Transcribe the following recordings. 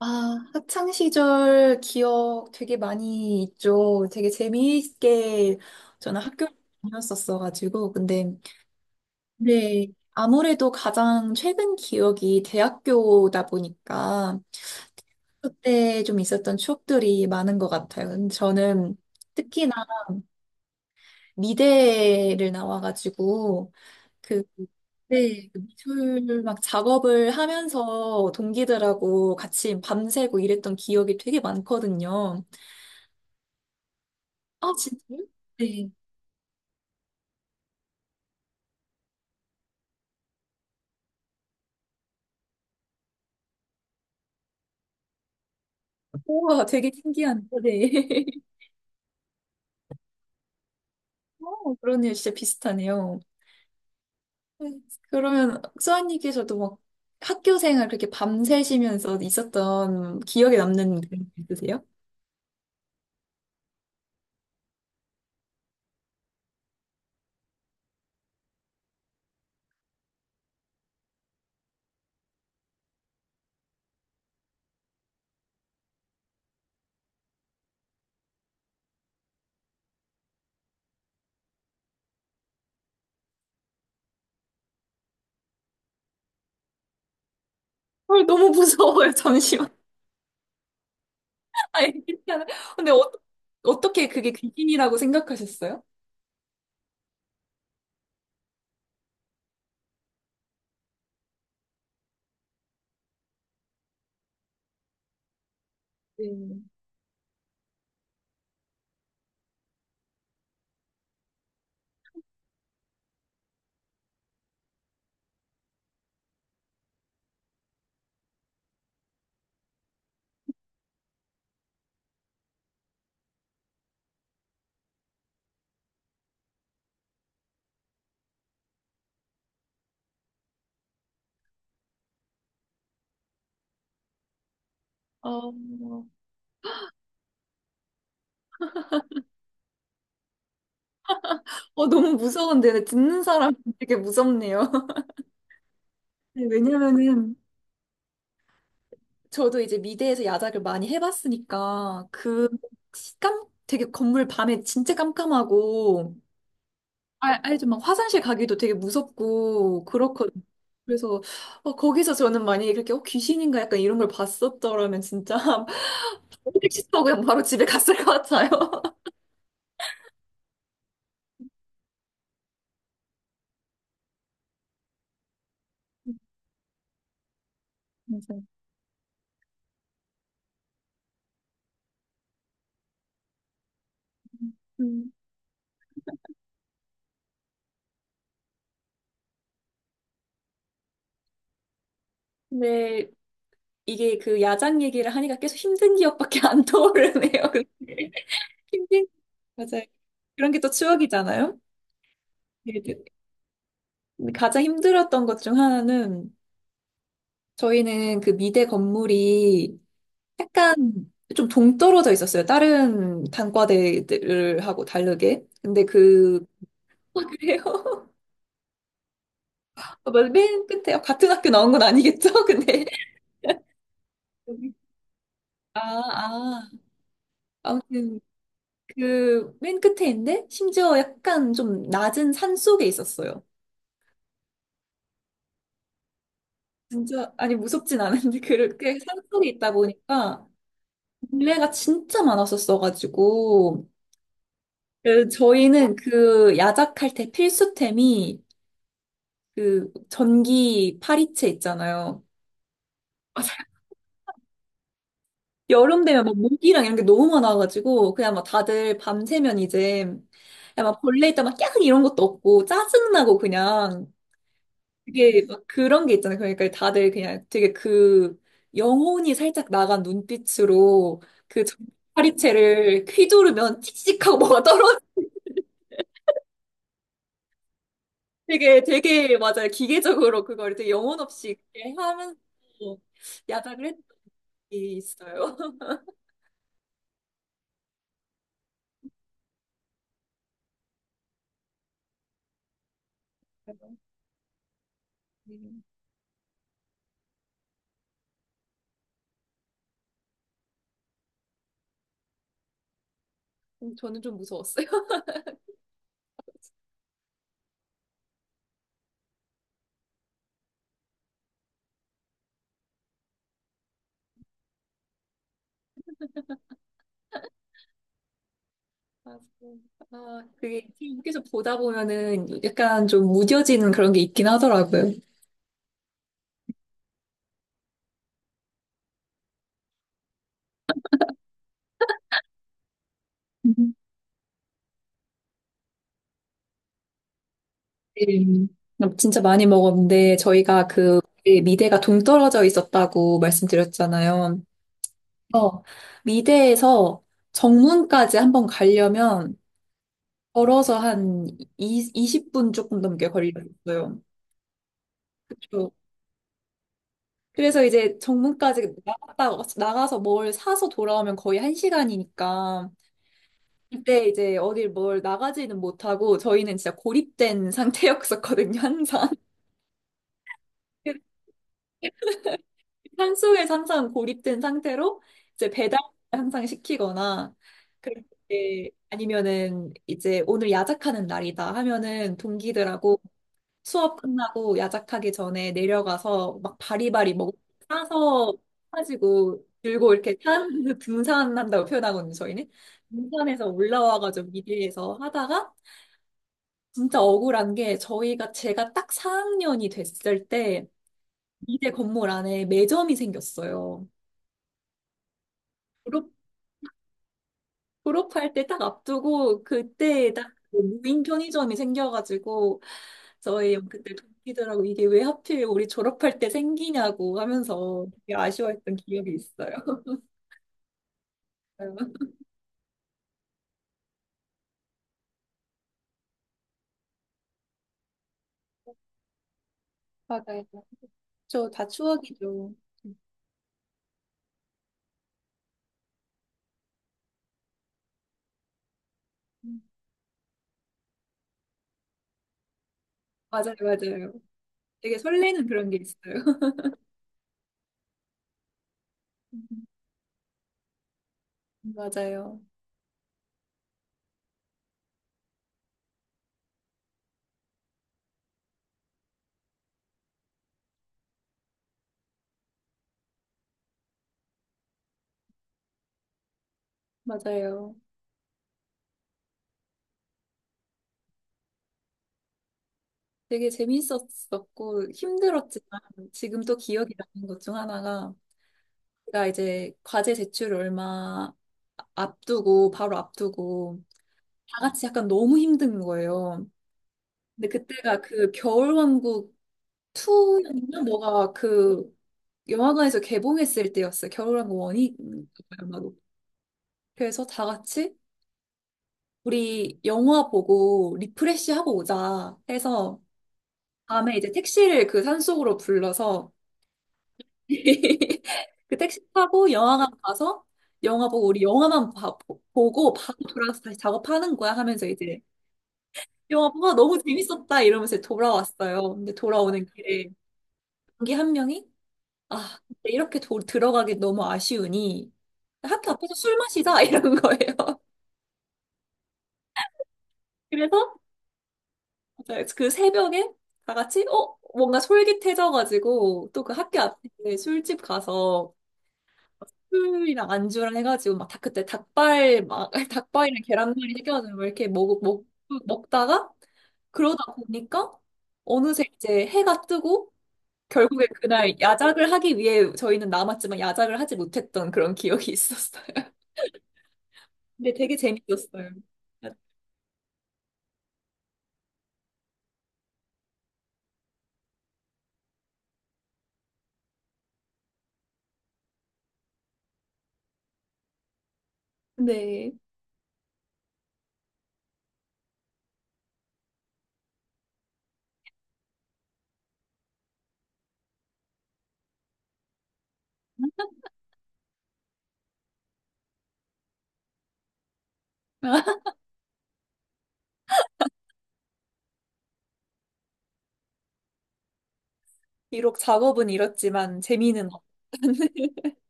아, 학창 시절 기억 되게 많이 있죠. 되게 재미있게 저는 학교를 다녔었어가지고. 근데, 네, 아무래도 가장 최근 기억이 대학교다 보니까 그때 좀 있었던 추억들이 많은 것 같아요. 근데 저는 특히나 미대를 나와가지고 그 네, 그 미술 막 작업을 하면서 동기들하고 같이 밤새고 이랬던 기억이 되게 많거든요. 아, 진짜요? 네. 우와, 되게 신기한데. 네. 어, 그러네요. 진짜 비슷하네요. 네, 그러면 수아님께서도 막 학교 생활 그렇게 밤새시면서 있었던 기억에 남는 그런 게 있으세요? 헐, 너무 무서워요. 잠시만. 아니, 괜찮아요. 근데 어, 어떻게 그게 귀신이라고 생각하셨어요? 네. 어, 너무 무서운데 듣는 사람 되게 무섭네요. 네, 왜냐면은 저도 이제 미대에서 야작을 많이 해봤으니까 그 깜, 되게 건물 밤에 진짜 깜깜하고 알, 알죠? 막 화장실 가기도 되게 무섭고 그렇거든요. 그래서 어, 거기서 저는 만약에 그렇게 어, 귀신인가 약간 이런 걸 봤었더라면 진짜 택시 타고 그냥 바로 집에 갔을 것 같아요. 맞아요. 음, 근데 이게 그 야작 얘기를 하니까 계속 힘든 기억밖에 안 떠오르네요. 근데 힘든 맞아요. 그런 게 또 추억이잖아요. 가장 힘들었던 것 중 하나는 저희는 그 미대 건물이 약간 좀 동떨어져 있었어요. 다른 단과대들하고 다르게. 근데 그, 아, 그래요? 맞아, 맨 끝에 같은 학교 나온 건 아니겠죠? 근데 여기. 아, 아. 아무튼 그 맨 끝에인데 심지어 약간 좀 낮은 산 속에 있었어요. 진짜 아니 무섭진 않은데 그렇게 산 속에 있다 보니까 벌레가 진짜 많았었어가지고 그 저희는 그 야작할 때 필수템이 그 전기 파리채 있잖아요. 여름 되면 막 모기랑 이런 게 너무 많아가지고 그냥 막 다들 밤새면 이제 그냥 막 벌레 있다 막 깨악 이런 것도 없고 짜증나고 그냥 그게 막 그런 게 있잖아요. 그러니까 다들 그냥 되게 그 영혼이 살짝 나간 눈빛으로 그 전기 파리채를 휘두르면 칙칙하고 뭐가 떨어 되게 맞아요. 기계적으로 그걸 되게 영혼 없이 그렇게 하면서 야작을 했던 게 있어요. 음, 저는 좀 무서웠어요. 맞아요. 아, 그게 계속 보다 보면은 약간 좀 무뎌지는 그런 게 있긴 하더라고요. 음. 네. 진짜 많이 먹었는데 저희가 그 미대가 동떨어져 있었다고 말씀드렸잖아요. 어, 미대에서 정문까지 한번 가려면 걸어서 한 이, 20분 조금 넘게 걸렸어요. 그렇죠. 그래서 이제 정문까지 나갔다, 나가서 뭘 사서 돌아오면 거의 한시간이니까 그때 이제 어딜 뭘 나가지는 못하고 저희는 진짜 고립된 상태였었거든요, 항상. 산속에 항상 고립된 상태로 이제 배달 항상 시키거나 그렇게 아니면은 이제 오늘 야작하는 날이다 하면은 동기들하고 수업 끝나고 야작하기 전에 내려가서 막 바리바리 먹 사서 가지고 들고 이렇게 산 등산한다고 표현하거든요, 저희는. 등산에서 올라와가지고 미대에서 하다가 진짜 억울한 게 저희가 제가 딱 4학년이 됐을 때 미대 건물 안에 매점이 생겼어요. 졸업, 졸업할 때 딱 앞두고 그때 딱 그 무인 편의점이 생겨가지고 저희 그때 동기들하고 이게 왜 하필 우리 졸업할 때 생기냐고 하면서 되게 아쉬워했던 기억이 있어요. 맞아요. 저 다 추억이죠. 음. 맞아요. 되게 설레는 그런 게 있어요. 음. 맞아요, 맞아요. 되게 재밌었었고 힘들었지만 지금 또 기억이 나는 것 중 하나가 제가 이제 과제 제출 얼마 앞두고 바로 앞두고 다 같이 약간 너무 힘든 거예요. 근데 그때가 그 겨울왕국 2였나? 뭐가 그 영화관에서 개봉했을 때였어요. 겨울왕국 1이 아마도. 그래서 다 같이 우리 영화 보고 리프레시 하고 오자 해서 밤에 이제 택시를 그 산속으로 불러서 그 택시 타고 영화관 가서 영화 보고 우리 보고 바로 돌아가서 다시 작업하는 거야 하면서 이제 영화 보고 아, 너무 재밌었다 이러면서 돌아왔어요. 근데 돌아오는 길에 동기 한 명이 아, 근데 이렇게 도, 들어가기 너무 아쉬우니 학교 앞에서 술 마시자 이런 거예요. 그래서 그 새벽에 다 같이 어 뭔가 솔깃해져가지고 또 그 학교 앞에 술집 가서 술이랑 안주랑 해가지고 막 다 그때 닭발 막 닭발이랑 계란말이 시켜가지고 막 이렇게 먹, 먹 먹다가 그러다 보니까 어느새 이제 해가 뜨고 결국에 그날 야작을 하기 위해 저희는 남았지만 야작을 하지 못했던 그런 기억이 있었어요. 근데 되게 재밌었어요. 네. 비록 작업은 이렇지만 재미는 없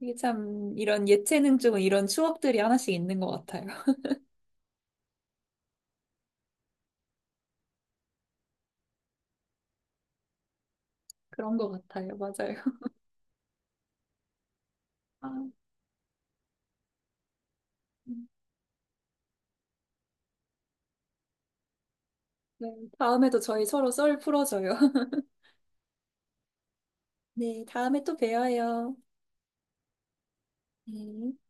이게 참 이런 예체능 쪽은 이런 추억들이 하나씩 있는 것 같아요. 그런 것 같아요. 맞아요. 아, 음. 네. 다음에도 저희 서로 썰 풀어줘요. 네, 다음에 또 봬요. 네.